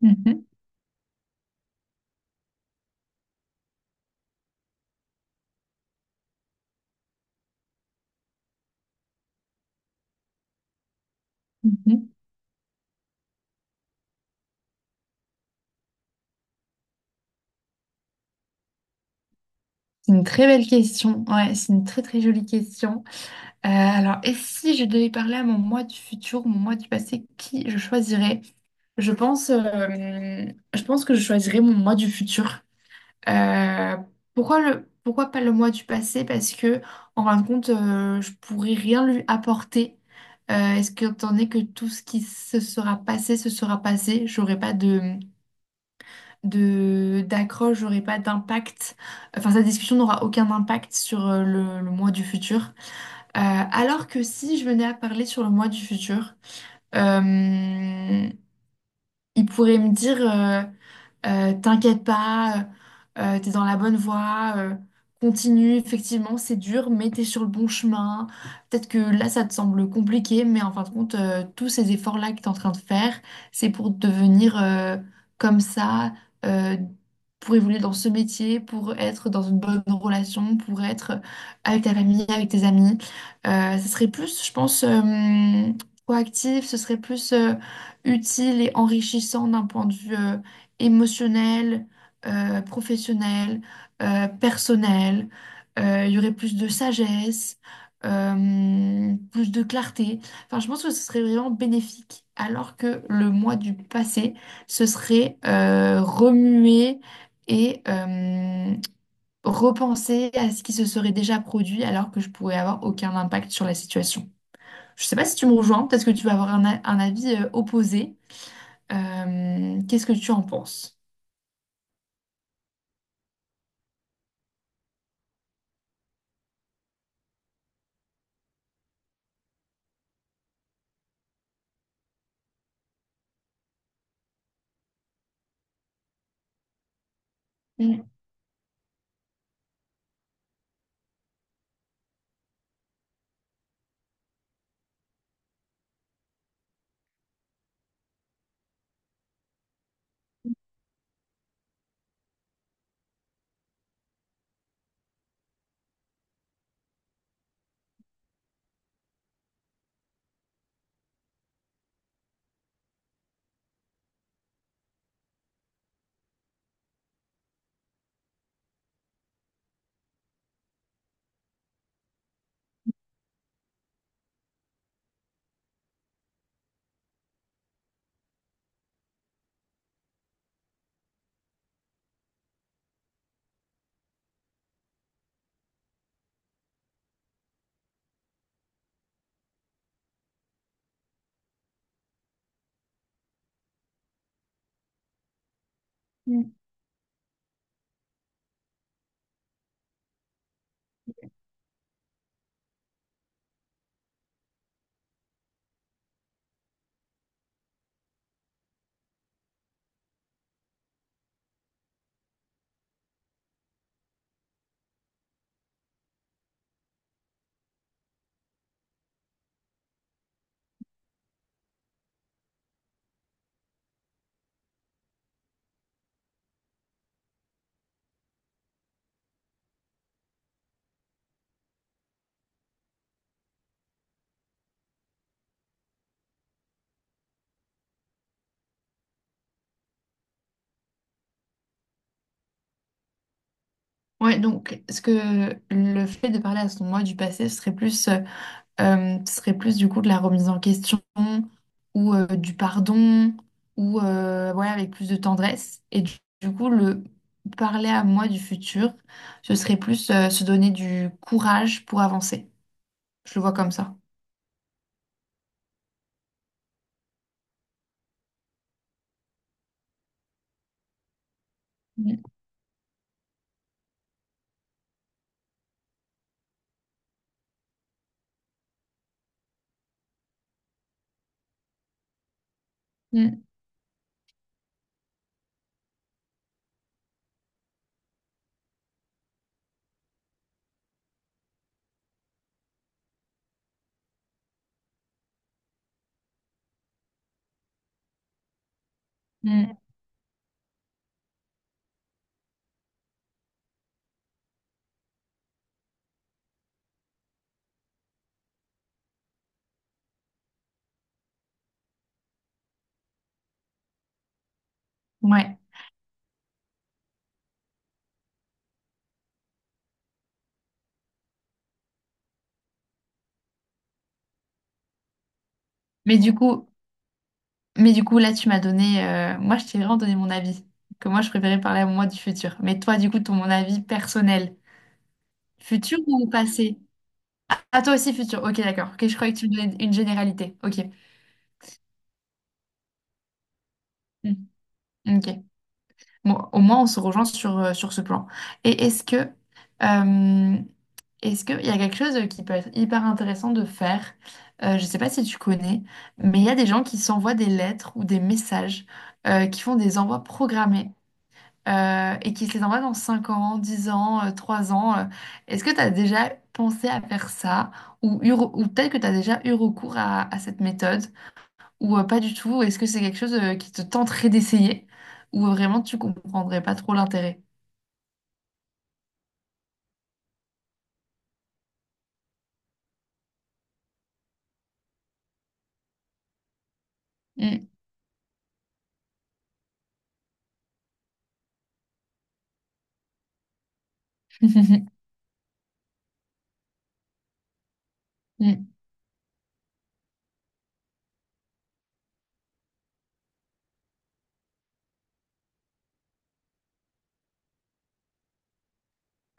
Mhm, mhm. C'est une très belle question. Ouais, c'est une très très jolie question. Alors, et si je devais parler à mon moi du futur, mon moi du passé, qui je choisirais? Je pense, euh, je pense que je choisirais mon moi du futur. Euh, Pourquoi le, pourquoi pas le moi du passé? Parce que en fin de compte, je pourrais rien lui apporter. Est-ce que, étant donné que tout ce qui se sera passé, j'aurais pas de d'accroche, j'aurai pas d'impact. Enfin, cette discussion n'aura aucun impact sur le mois du futur. Euh, alors que si je venais à parler sur le mois du futur, euh, il pourrait me dire t'inquiète pas, t'es dans la bonne voie, continue, effectivement, c'est dur, mais t'es sur le bon chemin. Peut-être que là, ça te semble compliqué, mais en fin de compte, tous ces efforts-là que t'es en train de faire, c'est pour devenir comme ça, euh, pour évoluer dans ce métier, pour être dans une bonne relation, pour être avec ta famille, avec tes amis. Ça serait plus, je pense, proactif, ce serait plus, utile et enrichissant d'un point de vue émotionnel, professionnel, personnel. Il y aurait plus de sagesse, plus de clarté. Enfin, je pense que ce serait vraiment bénéfique. Alors que le moi du passé, ce serait remuer et repenser à ce qui se serait déjà produit alors que je pourrais avoir aucun impact sur la situation. Je sais pas si tu me rejoins, peut-être que tu vas avoir un avis opposé. Qu'est-ce que tu en penses? Mm, mm. Ouais, donc, est-ce que le fait de parler à son moi du passé serait plus du coup de la remise en question ou du pardon ou ouais, avec plus de tendresse? Et du coup, le parler à moi du futur, ce serait plus se donner du courage pour avancer. Je le vois comme ça. Mm, mm, mm. Ouais. Mais du coup, Mais du coup, là, tu m'as donné. Moi, je t'ai vraiment donné mon avis. Que moi, je préférais parler à moi du futur. Mais toi, du coup, ton mon avis personnel. Futur ou passé? Ah, toi aussi, futur. Ok, d'accord. Ok, je croyais que tu me donnais une généralité. Ok. Hmm. Ok. Bon, au moins, on se rejoint sur, sur ce plan. Et est-ce que. Euh, est-ce qu'il y a quelque chose qui peut être hyper intéressant de faire? Je ne sais pas si tu connais, mais il y a des gens qui s'envoient des lettres ou des messages qui font des envois programmés et qui se les envoie dans 5 ans, 10 ans, 3 ans. Est-ce que tu as déjà pensé à faire ça ou, ou peut-être que tu as déjà eu recours à cette méthode ou pas du tout? Est-ce que c'est quelque chose qui te tenterait d'essayer ou vraiment tu comprendrais pas trop l'intérêt? Mm. Mm.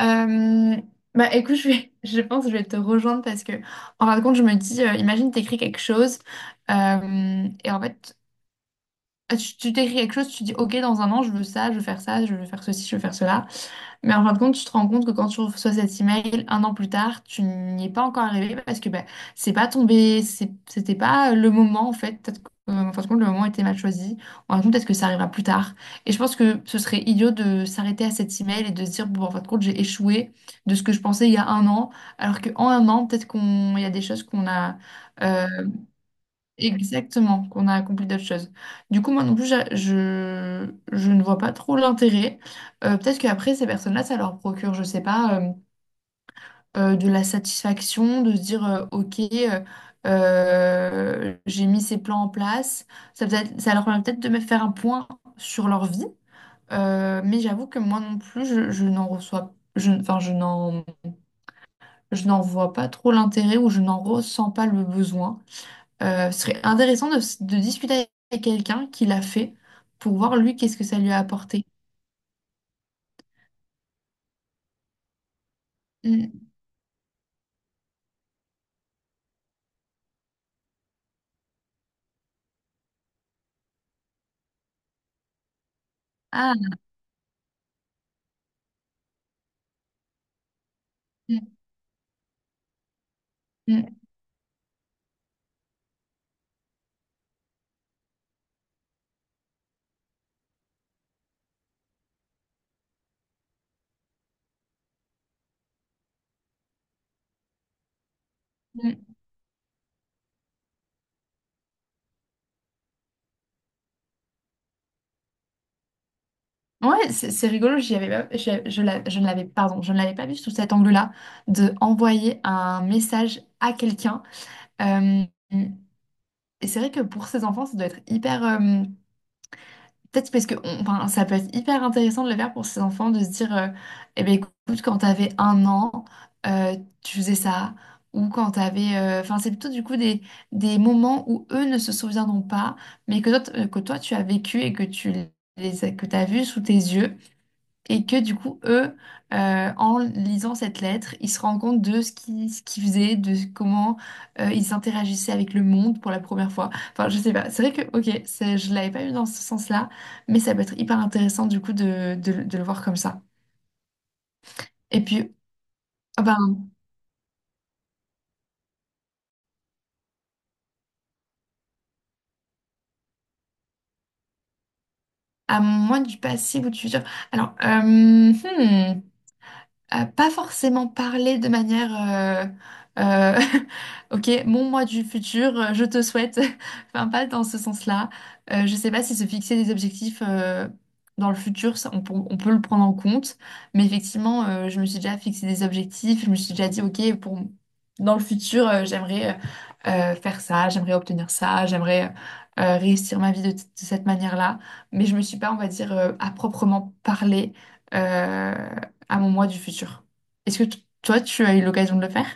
Euh, Bah écoute, je vais- je pense que je vais te rejoindre parce que en fin de compte, je me dis, imagine t'écris quelque chose et en fait, tu t'écris quelque chose, tu dis, ok, dans un an, je veux ça, je veux faire ça, je veux faire ceci, je veux faire cela. Mais en fin de compte, tu te rends compte que quand tu reçois cet email un an plus tard, tu n'y es pas encore arrivé parce que ben, c'est pas tombé, c'était pas le moment en fait. Peut-être que, en fin de compte, le moment était mal choisi. En fin de compte, peut-être que ça arrivera plus tard. Et je pense que ce serait idiot de s'arrêter à cet email et de se dire, bon, en fin de compte, j'ai échoué de ce que je pensais il y a un an, alors qu'en un an, peut-être qu'on, il y a des choses qu'on a. euh, Exactement, qu'on a accompli d'autres choses. Du coup, moi non plus, je ne vois pas trop l'intérêt. Peut-être qu'après, ces personnes-là, ça leur procure, je sais pas, de la satisfaction de se dire, OK, j'ai mis ces plans en place. Ça, ça leur permet peut-être de me faire un point sur leur vie. Mais j'avoue que moi non plus, je n'en reçois, je n'en vois pas trop l'intérêt ou je n'en ressens pas le besoin. Ce serait intéressant de discuter avec quelqu'un qui l'a fait pour voir lui qu'est-ce que ça lui a apporté. Mm. Ah, mm, mm, mm. Ouais, c'est rigolo, j'y avais pas- je l'a- je ne l'avais, pardon, je ne l'avais pas vu sous cet angle-là, de envoyer un message à quelqu'un. Euh, et c'est vrai que pour ces enfants, ça doit être hyper, peut-être parce que enfin, ça peut être hyper intéressant de le faire pour ces enfants, de se dire, eh ben, écoute, quand t'avais un an, euh, tu faisais ça. Ou quand t'avais... Enfin, c'est plutôt du coup des moments où eux ne se souviendront pas, mais que toi, que toi tu as vécu et que tu que t'as vu sous tes yeux. Et que du coup, eux, en lisant cette lettre, ils se rendent compte de ce qu'ils faisaient, de comment ils interagissaient avec le monde pour la première fois. Enfin, je sais pas. C'est vrai que, ok, je l'avais pas eu dans ce sens-là, mais ça peut être hyper intéressant du coup de, de le voir comme ça. Et puis, ah ben, à moins du passif ou du futur. Alors, hmm, pas forcément parler de manière euh, ok mon moi du futur je te souhaite enfin pas dans ce sens-là. Je sais pas si se fixer des objectifs dans le futur ça, on peut le prendre en compte, mais effectivement je me suis déjà fixé des objectifs, je me suis déjà dit ok pour dans le futur j'aimerais faire ça, j'aimerais obtenir ça, j'aimerais réussir ma vie de cette manière-là, mais je me suis pas on va dire à proprement parler euh, à mon moi du futur. Toi, tu as eu l'occasion de le faire?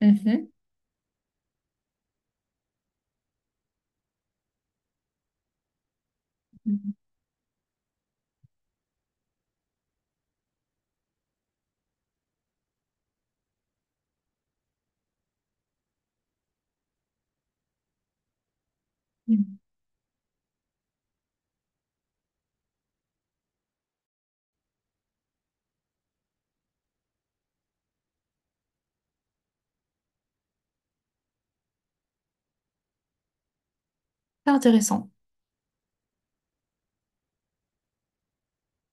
Mhm. Mhm. C'est intéressant.